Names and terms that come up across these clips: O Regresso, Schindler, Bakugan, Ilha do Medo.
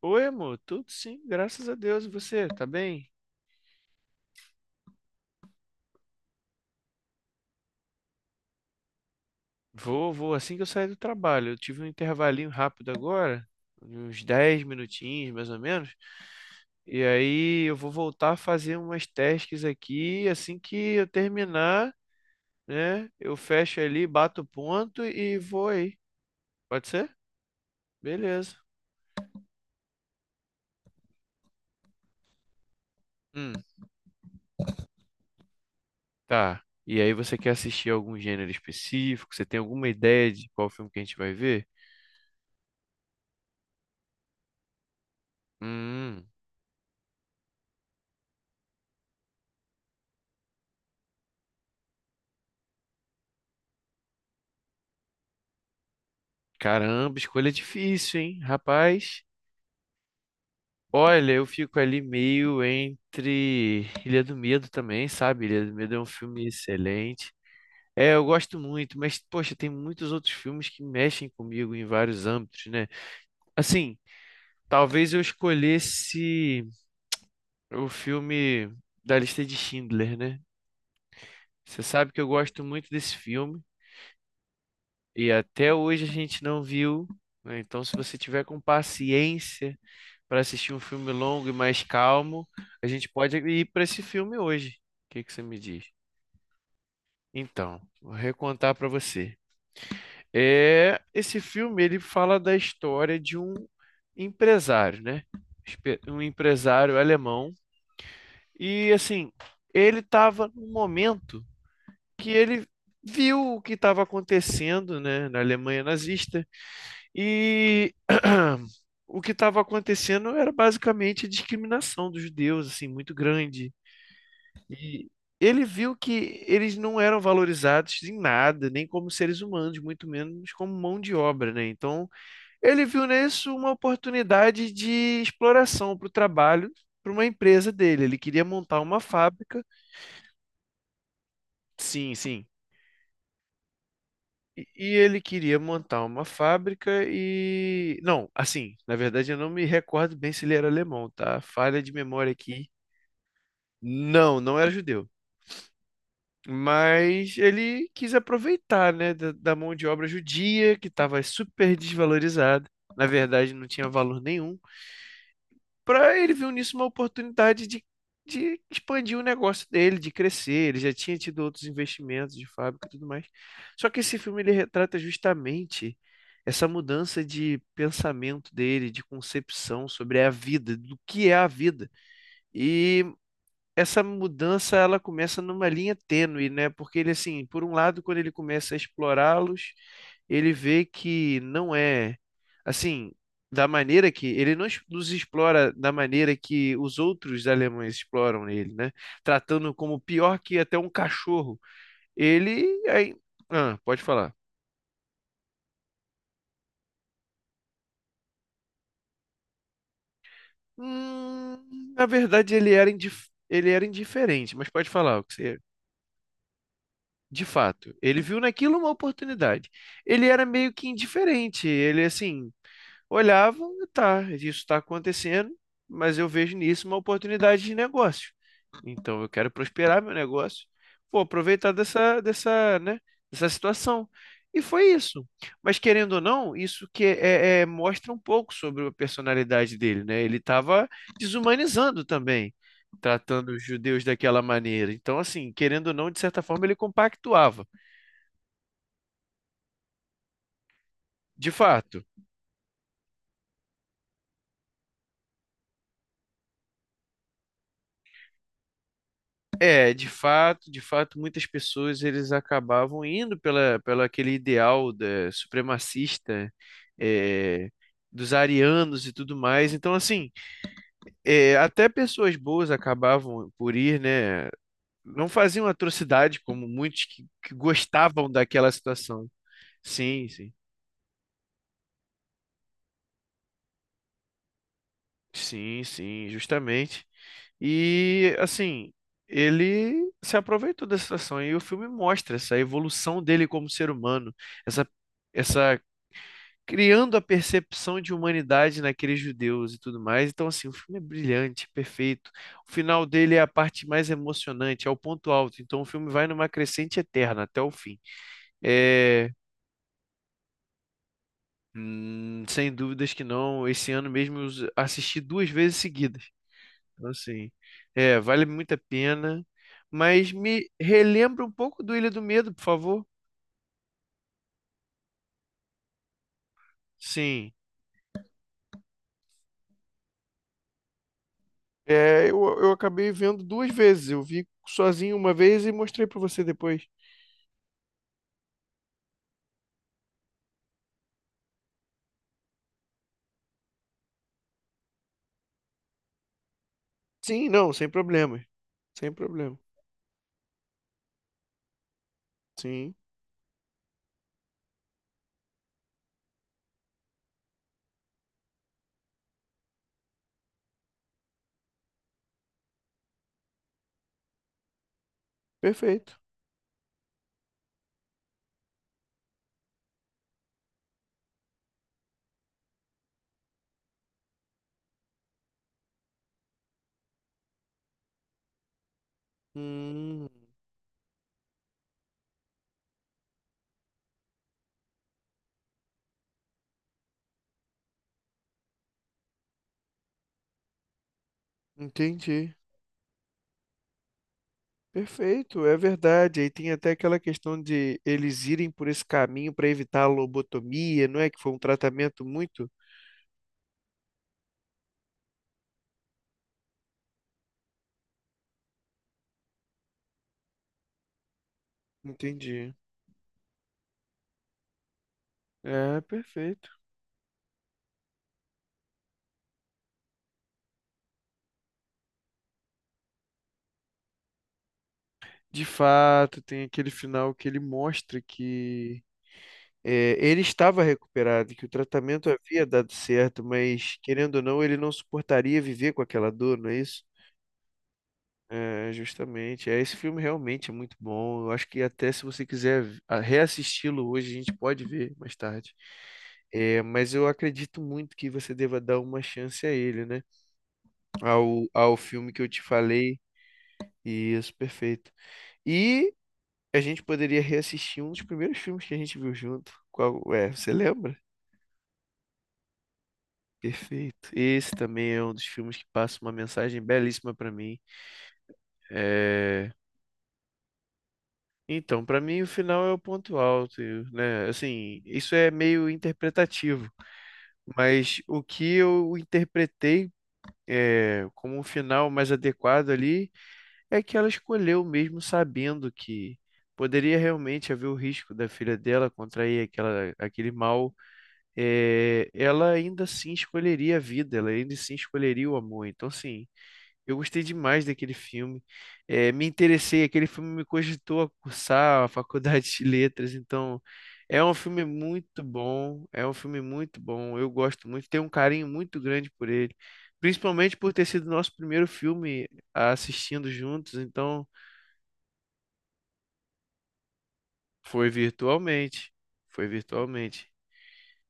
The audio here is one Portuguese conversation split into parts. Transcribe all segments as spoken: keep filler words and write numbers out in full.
Oi, amor, tudo sim, graças a Deus. E você, tá bem? Vou, vou, assim que eu sair do trabalho. Eu tive um intervalinho rápido agora, de uns dez minutinhos, mais ou menos. E aí eu vou voltar a fazer umas tasks aqui. Assim que eu terminar, né? Eu fecho ali, bato o ponto e vou aí. Pode ser? Beleza. Hum, tá. E aí você quer assistir algum gênero específico? Você tem alguma ideia de qual filme que a gente vai ver? Hum, Caramba, escolha difícil, hein? Rapaz. Olha, eu fico ali meio entre Ilha do Medo também, sabe? Ilha do Medo é um filme excelente. É, eu gosto muito, mas, poxa, tem muitos outros filmes que mexem comigo em vários âmbitos, né? Assim, talvez eu escolhesse o filme da lista de Schindler, né? Você sabe que eu gosto muito desse filme e até hoje a gente não viu, né? Então, se você tiver com paciência, para assistir um filme longo e mais calmo, a gente pode ir para esse filme hoje. O que que você me diz? Então, vou recontar para você. É, esse filme ele fala da história de um empresário, né? Espe- Um empresário alemão e assim, ele estava num momento que ele viu o que estava acontecendo, né, na Alemanha nazista e o que estava acontecendo era basicamente a discriminação dos judeus, assim, muito grande. E ele viu que eles não eram valorizados em nada, nem como seres humanos, muito menos como mão de obra, né? Então, ele viu nisso uma oportunidade de exploração para o trabalho, para uma empresa dele. Ele queria montar uma fábrica. Sim, sim. E e ele queria montar uma fábrica e. Não, assim, na verdade eu não me recordo bem se ele era alemão, tá? Falha de memória aqui. Não, não era judeu. Mas ele quis aproveitar, né, da, da mão de obra judia, que estava super desvalorizada, na verdade não tinha valor nenhum, para ele viu nisso uma oportunidade de, de expandir o negócio dele, de crescer. Ele já tinha tido outros investimentos de fábrica e tudo mais. Só que esse filme ele retrata justamente essa mudança de pensamento dele, de concepção sobre a vida, do que é a vida. E essa mudança ela começa numa linha tênue, né? Porque ele assim, por um lado, quando ele começa a explorá-los, ele vê que não é assim, da maneira que ele não es- nos explora da maneira que os outros alemães exploram ele, né? Tratando como pior que até um cachorro. Ele aí, ah, pode falar. Hum, na verdade ele era indif- ele era indiferente, mas pode falar o que você De fato, ele viu naquilo uma oportunidade. Ele era meio que indiferente, ele assim, olhava, tá, isso está acontecendo, mas eu vejo nisso uma oportunidade de negócio. Então eu quero prosperar meu negócio, vou aproveitar dessa, dessa, né, dessa situação. E foi isso. Mas querendo ou não, isso que é, é- mostra um pouco sobre a personalidade dele, né? Ele estava desumanizando também tratando os judeus daquela maneira. Então, assim, querendo ou não, de certa forma, ele compactuava. De fato, é, de fato, de fato, muitas pessoas eles acabavam indo pela, pela aquele ideal da, supremacista, é, dos arianos e tudo mais. Então, assim, é, até pessoas boas acabavam por ir, né? Não faziam atrocidade como muitos que, que gostavam daquela situação. Sim, sim. Sim, sim, justamente. E assim, ele se aproveitou dessa situação e o filme mostra essa evolução dele como ser humano, essa essa criando a percepção de humanidade naqueles judeus e tudo mais. Então assim, o filme é brilhante, perfeito. O final dele é a parte mais emocionante, é o ponto alto. Então o filme vai numa crescente eterna até o fim. É, hum, sem dúvidas que não. Esse ano mesmo eu assisti duas vezes seguidas. Então, assim, é, vale muito a pena. Mas me relembra um pouco do Ilha do Medo, por favor. Sim. É, eu, eu acabei vendo duas vezes. Eu vi sozinho uma vez e mostrei pra você depois. Sim, não, sem problema. Sem problema. Sim, perfeito. Hum, entendi. Perfeito, é verdade. Aí tem até aquela questão de eles irem por esse caminho para evitar a lobotomia, não é? Que foi um tratamento muito. Entendi. É, perfeito. De fato, tem aquele final que ele mostra que eh, ele estava recuperado, que o tratamento havia dado certo, mas querendo ou não, ele não suportaria viver com aquela dor, não é isso? É, justamente. É, esse filme realmente é muito bom. Eu acho que até se você quiser v- a- reassisti-lo hoje, a gente pode ver mais tarde. É, mas eu acredito muito que você deva dar uma chance a ele, né? Ao, ao filme que eu te falei. Isso, perfeito. E a gente poderia reassistir um dos primeiros filmes que a gente viu junto. Qual é? Você lembra? Perfeito. Esse também é um dos filmes que passa uma mensagem belíssima pra mim. É, então, pra mim o final é o ponto alto, e, né? Assim, isso é meio interpretativo, mas o que eu interpretei é, como um final mais adequado ali é que ela escolheu mesmo sabendo que poderia realmente haver o risco da filha dela contrair aquela, aquele mal, eh, ela ainda assim escolheria a vida, ela ainda assim escolheria o amor. Então, assim, eu gostei demais daquele filme, eh, me interessei, aquele filme me cogitou a cursar a faculdade de letras, então é um filme muito bom, é um filme muito bom, eu gosto muito, tenho um carinho muito grande por ele, principalmente por ter sido nosso primeiro filme assistindo juntos, então foi virtualmente, foi virtualmente.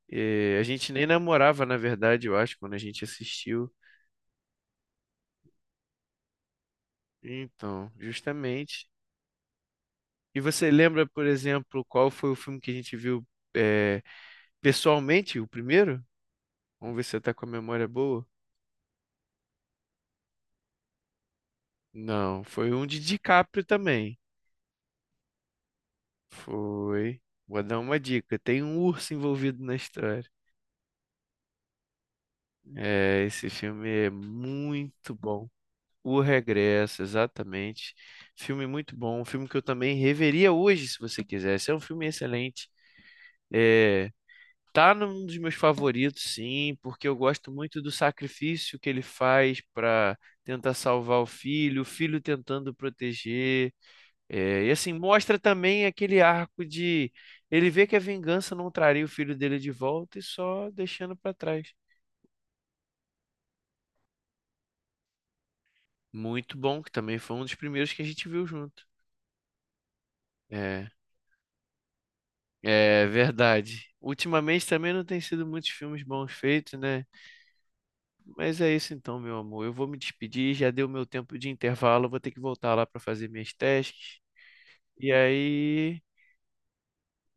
Eh, a gente nem namorava, na verdade, eu acho, quando a gente assistiu. Então, justamente. E você lembra, por exemplo, qual foi o filme que a gente viu eh, pessoalmente, o primeiro? Vamos ver se você tá com a memória boa. Não, foi um de DiCaprio também. Foi. Vou dar uma dica. Tem um urso envolvido na história. É, esse filme é muito bom. O Regresso, exatamente. Filme muito bom. Um filme que eu também reveria hoje, se você quisesse. É um filme excelente. É, tá num dos meus favoritos, sim, porque eu gosto muito do sacrifício que ele faz para tentar salvar o filho, o filho tentando proteger. É, e assim, mostra também aquele arco de ele vê que a vingança não traria o filho dele de volta e só deixando para trás. Muito bom, que também foi um dos primeiros que a gente viu junto. É, é verdade. Ultimamente também não tem sido muitos filmes bons feitos, né? Mas é isso então, meu amor. Eu vou me despedir, já deu meu tempo de intervalo, eu vou ter que voltar lá para fazer minhas testes. E aí.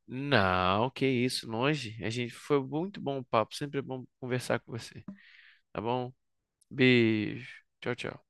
Não, que isso, longe. A gente foi muito bom o papo, sempre é bom conversar com você, tá bom? Beijo. Tchau, tchau.